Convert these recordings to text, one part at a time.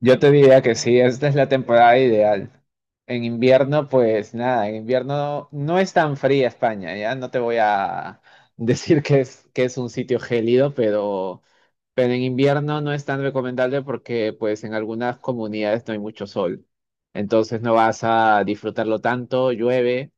Yo te diría que sí, esta es la temporada ideal. En invierno, pues nada, en invierno no es tan fría España, ya no te voy a decir que es un sitio gélido, pero en invierno no es tan recomendable porque pues en algunas comunidades no hay mucho sol. Entonces no vas a disfrutarlo tanto, llueve.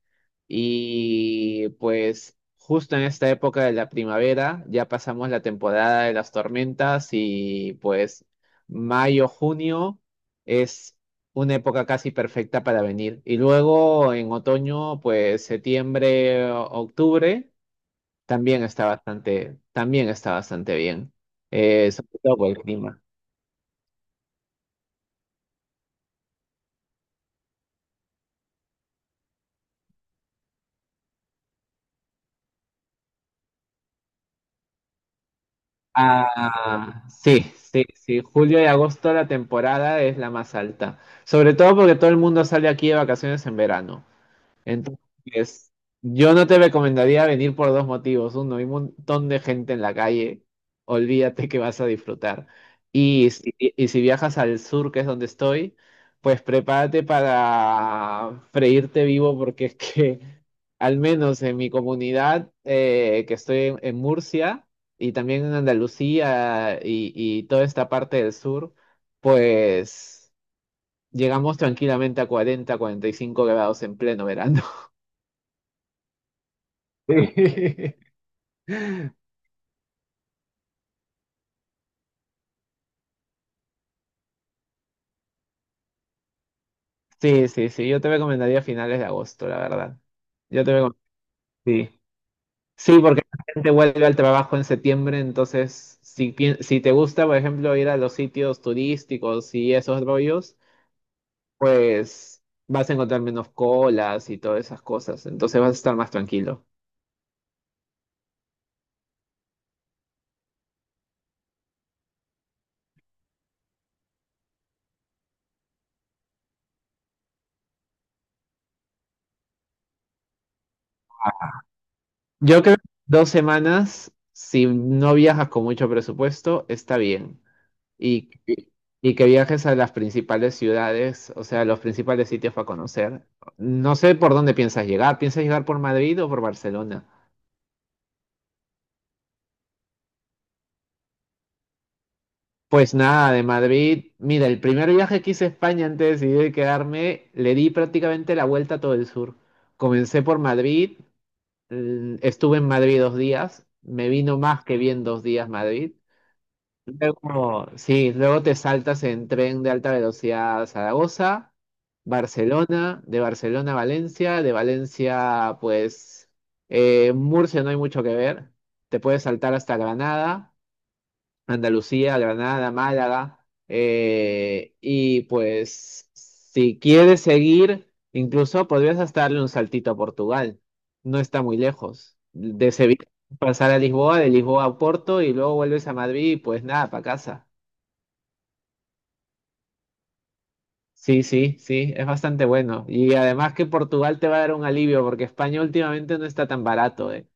Y pues justo en esta época de la primavera ya pasamos la temporada de las tormentas y pues mayo, junio es una época casi perfecta para venir. Y luego en otoño, pues septiembre, octubre, también está bastante bien. Sobre todo por el clima. Ah, sí, sí, sí. Julio y agosto la temporada es la más alta. Sobre todo porque todo el mundo sale aquí de vacaciones en verano. Entonces, yo no te recomendaría venir por dos motivos. Uno, hay un montón de gente en la calle, olvídate que vas a disfrutar. Y si viajas al sur, que es donde estoy, pues prepárate para freírte vivo porque es que, al menos en mi comunidad, que estoy en Murcia y también en Andalucía y toda esta parte del sur, pues llegamos tranquilamente a 40, 45 grados en pleno verano. Sí, sí, sí, sí, yo te recomendaría finales de agosto, la verdad. Yo te recom- sí. Sí, porque la gente vuelve al trabajo en septiembre, entonces si te gusta, por ejemplo, ir a los sitios turísticos y esos rollos, pues vas a encontrar menos colas y todas esas cosas, entonces vas a estar más tranquilo. Yo creo que 2 semanas, si no viajas con mucho presupuesto, está bien. y, y- y que viajes a las principales ciudades, o sea, los principales sitios para conocer. No sé por dónde piensas llegar. ¿Piensas llegar por Madrid o por Barcelona? Pues nada, de Madrid. Mira, el primer viaje que hice a España antes de decidir quedarme, le di prácticamente la vuelta a todo el sur. Comencé por Madrid, estuve en Madrid 2 días, me vino más que bien 2 días Madrid. Luego, sí, luego te saltas en tren de alta velocidad a Zaragoza, Barcelona, de Barcelona a Valencia, de Valencia, pues, Murcia no hay mucho que ver, te puedes saltar hasta Granada. Andalucía, Granada, Málaga. Y pues si quieres seguir, incluso podrías hasta darle un saltito a Portugal. No está muy lejos. De Sevilla pasar a Lisboa, de Lisboa a Porto y luego vuelves a Madrid y pues nada, para casa. Sí, sí, sí, es bastante bueno. Y además que Portugal te va a dar un alivio porque España últimamente no está tan barato, eh.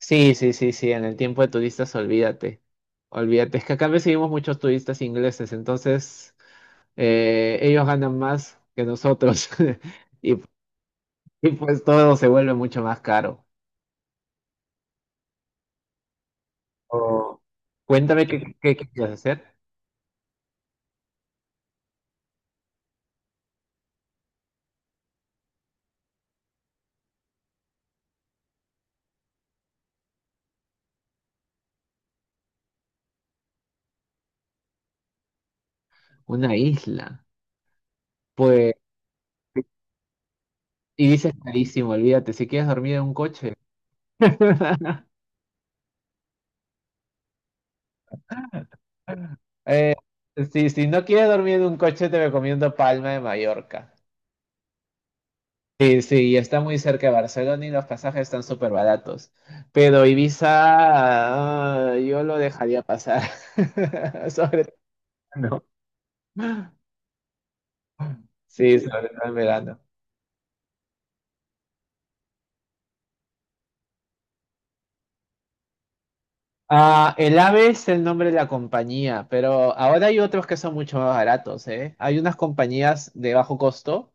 Sí, sí, sí, sí, en el tiempo de turistas, olvídate. Olvídate, es que acá recibimos muchos turistas ingleses, entonces ellos ganan más que nosotros y, y pues todo se vuelve mucho más caro. Oh, cuéntame qué quieres hacer. Una isla. Pues, y dices carísimo, olvídate, si quieres dormir en un coche. Eh, si no quieres dormir en un coche, te recomiendo Palma de Mallorca. Sí, sí, y está muy cerca de Barcelona y los pasajes están súper baratos. Pero Ibiza, ah, yo lo dejaría pasar. Sobre todo, ¿no? Sí, sobre todo en verano. Ah, el AVE es el nombre de la compañía, pero ahora hay otros que son mucho más baratos, ¿eh? Hay unas compañías de bajo costo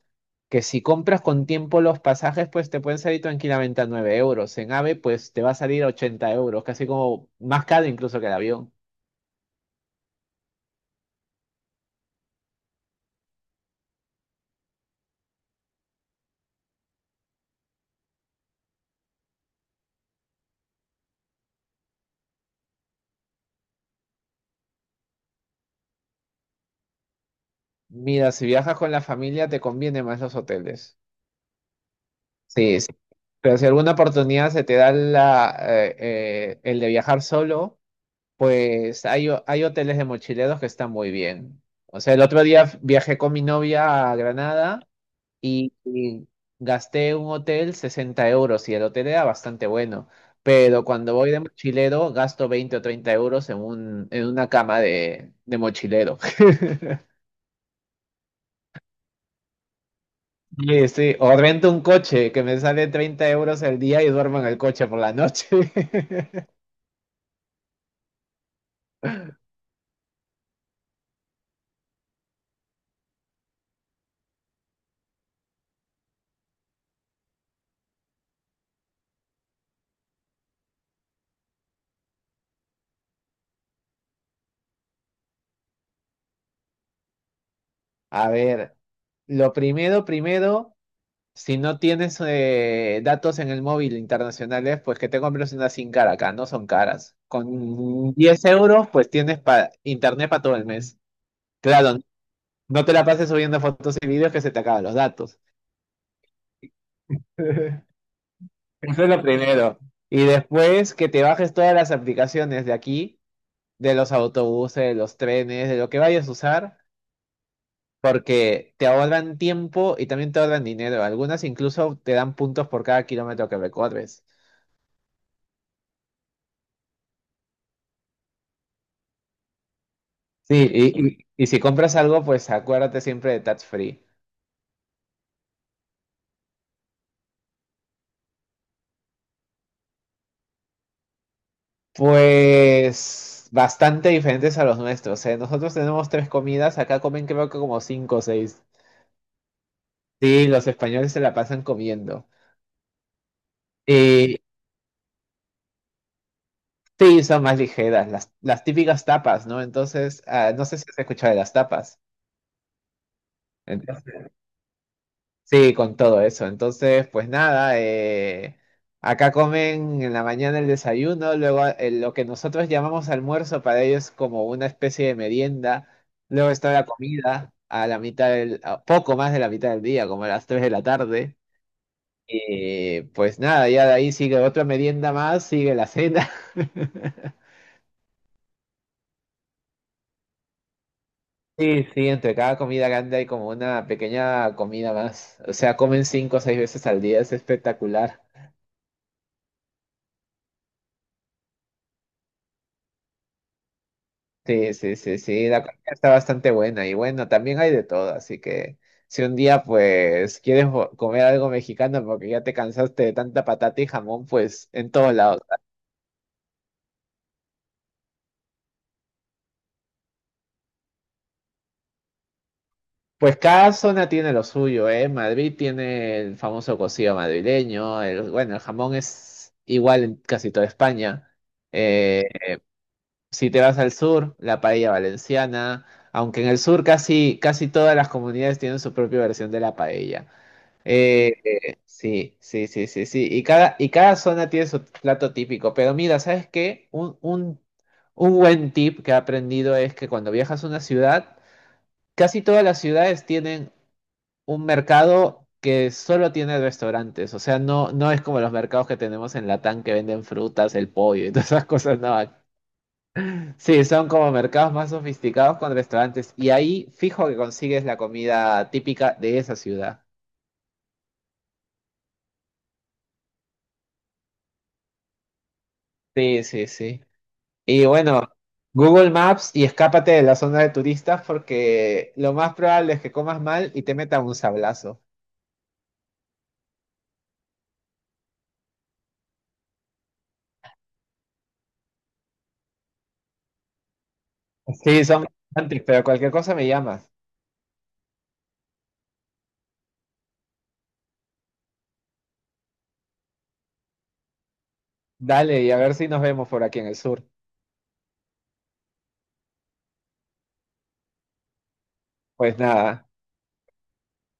que si compras con tiempo los pasajes, pues te pueden salir tranquilamente a 9 euros. En AVE, pues te va a salir a 80 euros, casi como más caro incluso que el avión. Mira, si viajas con la familia te conviene más los hoteles. Sí, sí. Pero si alguna oportunidad se te da la, el de viajar solo, pues hay hoteles de mochileros que están muy bien. O sea, el otro día viajé con mi novia a Granada y gasté un hotel 60 € y el hotel era bastante bueno. Pero cuando voy de mochilero gasto 20 o 30 € en una cama de mochilero. Sí, sí, o rento un coche que me sale 30 € el día y duermo en el coche por la noche. A ver, lo primero, primero, si no tienes datos en el móvil internacionales, pues que te compres una SIM cara acá, no son caras. Con 10 euros, pues tienes internet para todo el mes. Claro, no te la pases subiendo fotos y videos que se te acaban los datos. Eso es lo primero. Y después que te bajes todas las aplicaciones de aquí de los autobuses, de los trenes, de lo que vayas a usar, porque te ahorran tiempo y también te ahorran dinero. Algunas incluso te dan puntos por cada kilómetro que recorres. Sí, y si compras algo, pues acuérdate siempre de Touch Free. Pues bastante diferentes a los nuestros, ¿eh? Nosotros tenemos tres comidas, acá comen creo que como cinco o seis. Sí, los españoles se la pasan comiendo. Y sí, son más ligeras, las típicas tapas, ¿no? Entonces, ah, no sé si has escuchado de las tapas. Sí, con todo eso. Entonces, pues nada, acá comen en la mañana el desayuno, luego lo que nosotros llamamos almuerzo para ellos es como una especie de merienda, luego está la comida a poco más de la mitad del día, como a las 3 de la tarde. Y pues nada, ya de ahí sigue otra merienda más, sigue la cena. Sí, sí, entre cada comida grande hay como una pequeña comida más. O sea, comen cinco o seis veces al día, es espectacular. Sí, sí, sí, sí, la comida está bastante buena y bueno, también hay de todo, así que si un día pues quieres comer algo mexicano porque ya te cansaste de tanta patata y jamón, pues en todos lados. Pues cada zona tiene lo suyo, ¿eh? Madrid tiene el famoso cocido madrileño, el, bueno, el jamón es igual en casi toda España. Eh, si te vas al sur, la paella valenciana, aunque en el sur casi, casi todas las comunidades tienen su propia versión de la paella. Sí, sí, sí, sí, sí. Y cada zona tiene su plato típico. Pero mira, ¿sabes qué? Un buen tip que he aprendido es que cuando viajas a una ciudad, casi todas las ciudades tienen un mercado que solo tiene restaurantes. O sea, no, no es como los mercados que tenemos en Latam que venden frutas, el pollo y todas esas cosas. No, sí, son como mercados más sofisticados con restaurantes. Y ahí fijo que consigues la comida típica de esa ciudad. Sí, sí, sí. Y bueno, Google Maps y escápate de la zona de turistas porque lo más probable es que comas mal y te metan un sablazo. Sí, son antes, pero cualquier cosa me llamas. Dale, y a ver si nos vemos por aquí en el sur. Pues nada,